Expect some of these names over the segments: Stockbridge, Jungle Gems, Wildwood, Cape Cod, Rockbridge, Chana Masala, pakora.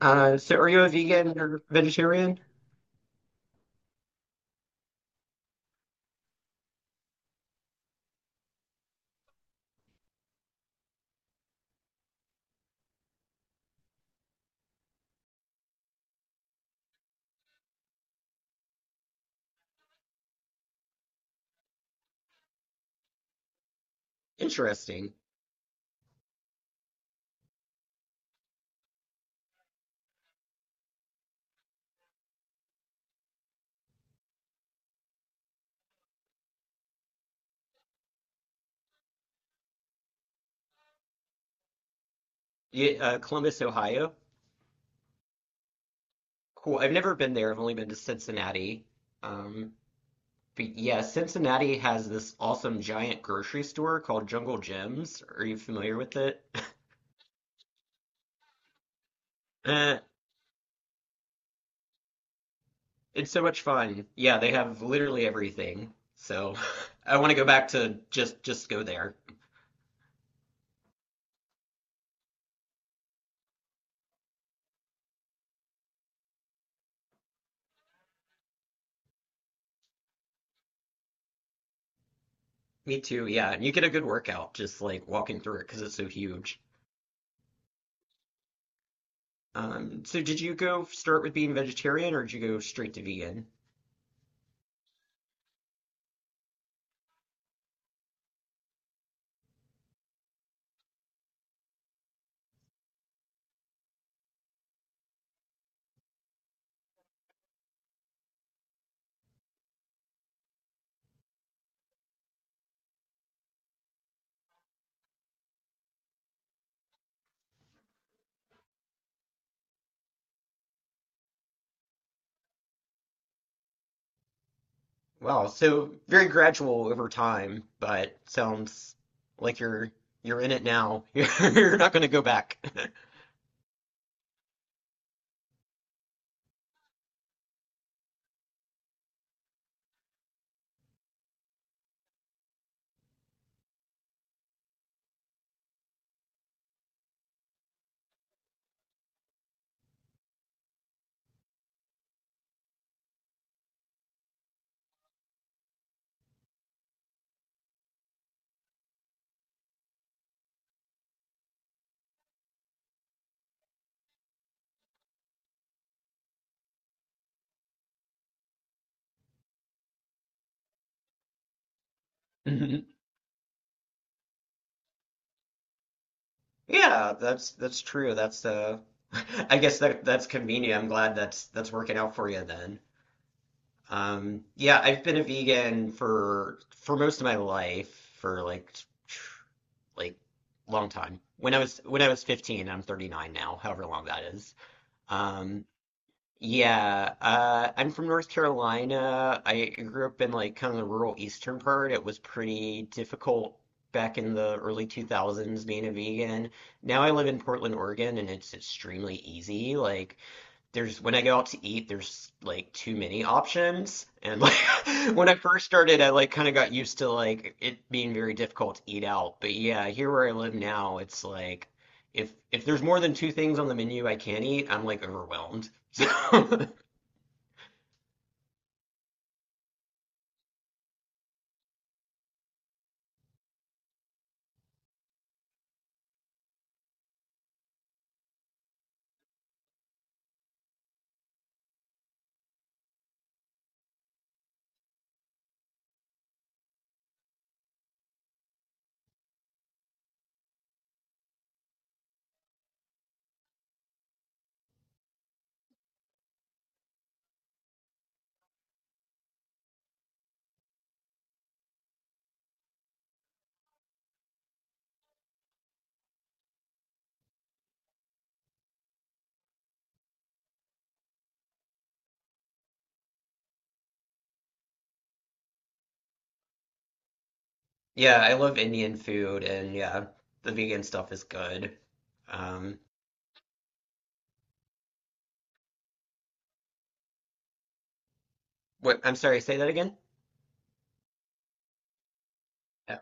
So are you a vegan or vegetarian? Interesting. Yeah, Columbus, Ohio. Cool. I've never been there. I've only been to Cincinnati. Um, But yeah, Cincinnati has this awesome giant grocery store called Jungle Gems. Are you familiar with it? Uh, it's so much fun. Yeah, they have literally everything. So I want to go back to just go there. Me too. Yeah, and you get a good workout just like walking through it because it's so huge. So did you go start with being vegetarian or did you go straight to vegan? Wow, so very gradual over time, but sounds like you're in it now. You're not going to go back. Mhm. Yeah, that's true. That's I guess that's convenient. I'm glad that's working out for you then. Yeah, I've been a vegan for most of my life for like long time. When I was 15, I'm 39 now, however long that is. Um, Yeah, I'm from North Carolina. I grew up in like kind of the rural eastern part. It was pretty difficult back in the early 2000s being a vegan. Now I live in Portland, Oregon, and it's extremely easy. Like there's when I go out to eat, there's like too many options. And like when I first started, I like kind of got used to like it being very difficult to eat out. But yeah, here where I live now, it's like if there's more than two things on the menu I can't eat, I'm like overwhelmed. So yeah, I love Indian food and yeah, the vegan stuff is good. Um, what? I'm sorry, say that again? Yeah.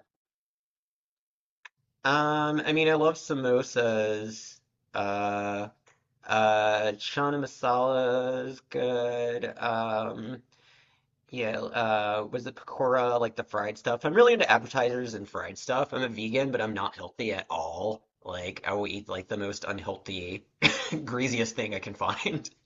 I mean, I love samosas. Uh, Chana Masala is good. Yeah, was it pakora, like the fried stuff? I'm really into appetizers and fried stuff. I'm a vegan, but I'm not healthy at all. Like, I will eat like the most unhealthy, greasiest thing I can find.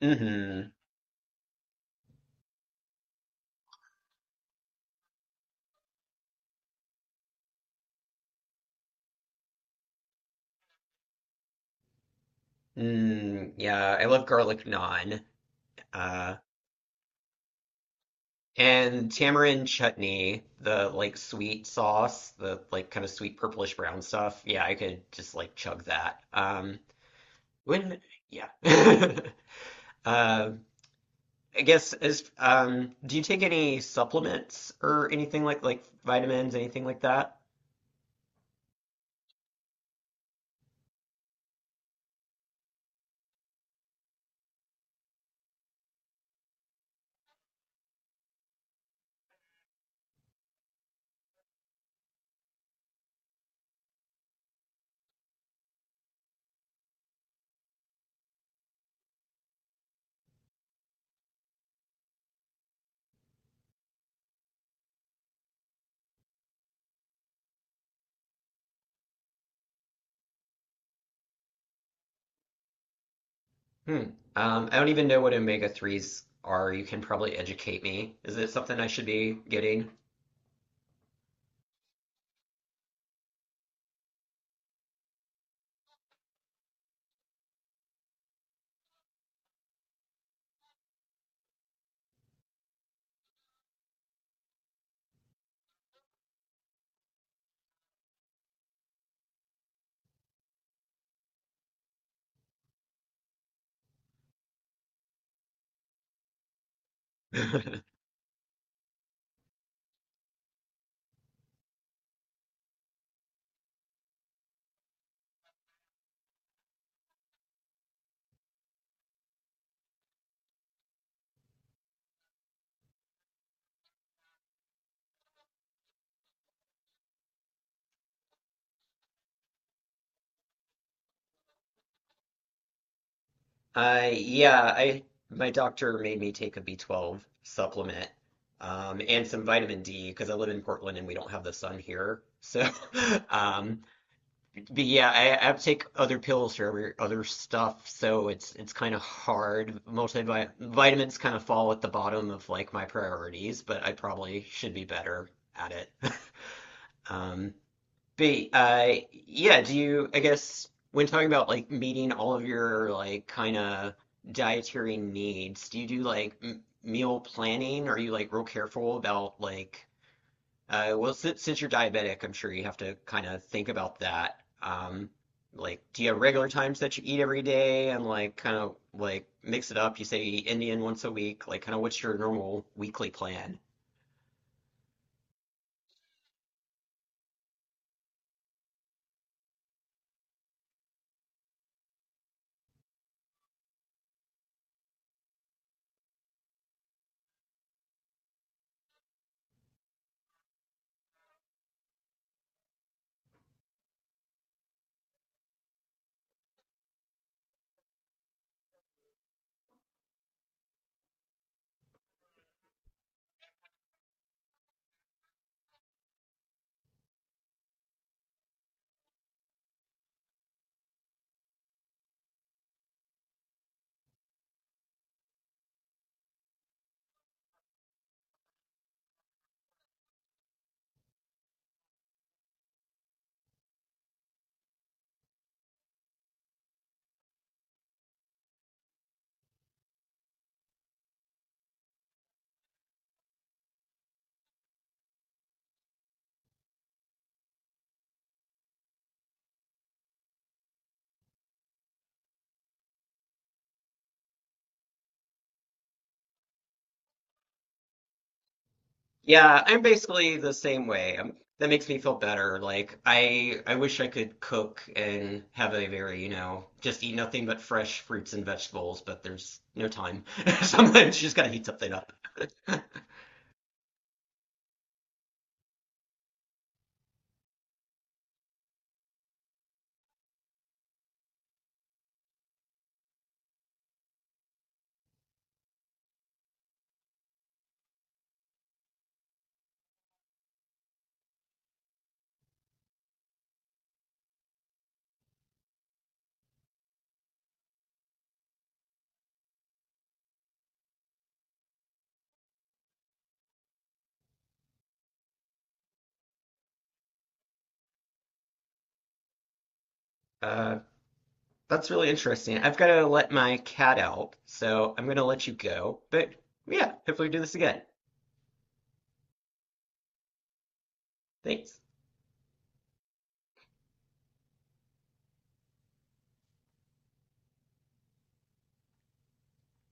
Mm-hmm. Mm, yeah, I love garlic naan. Uh, And tamarind chutney, the like sweet sauce, the like kind of sweet purplish brown stuff. Yeah, I could just like chug that. When, yeah. Uh, I guess as do you take any supplements or anything like vitamins, anything like that? Hmm. I don't even know what omega threes are. You can probably educate me. Is it something I should be getting? Yeah, I my doctor made me take a B12 supplement, and some vitamin D because I live in Portland and we don't have the sun here. So, um, but yeah, I have to take other pills for every other stuff, so it's kind of hard. Multivit vitamins kind of fall at the bottom of like my priorities, but I probably should be better at it. Um, but yeah, I guess, when talking about like meeting all of your like kind of dietary needs, do you do like m meal planning? Are you like real careful about since, you're diabetic, I'm sure you have to kind of think about that. Like, do you have regular times that you eat every day and like kind of like mix it up? You say Indian once a week, like kind of what's your normal weekly plan? Yeah, I'm basically the same way. Um, that makes me feel better. Like I wish I could cook and have a very, you know, just eat nothing but fresh fruits and vegetables, but there's no time. Sometimes you just gotta heat something up. Uh That's really interesting. I've got to let my cat out, so I'm going to let you go. But yeah, hopefully we do this again. Thanks.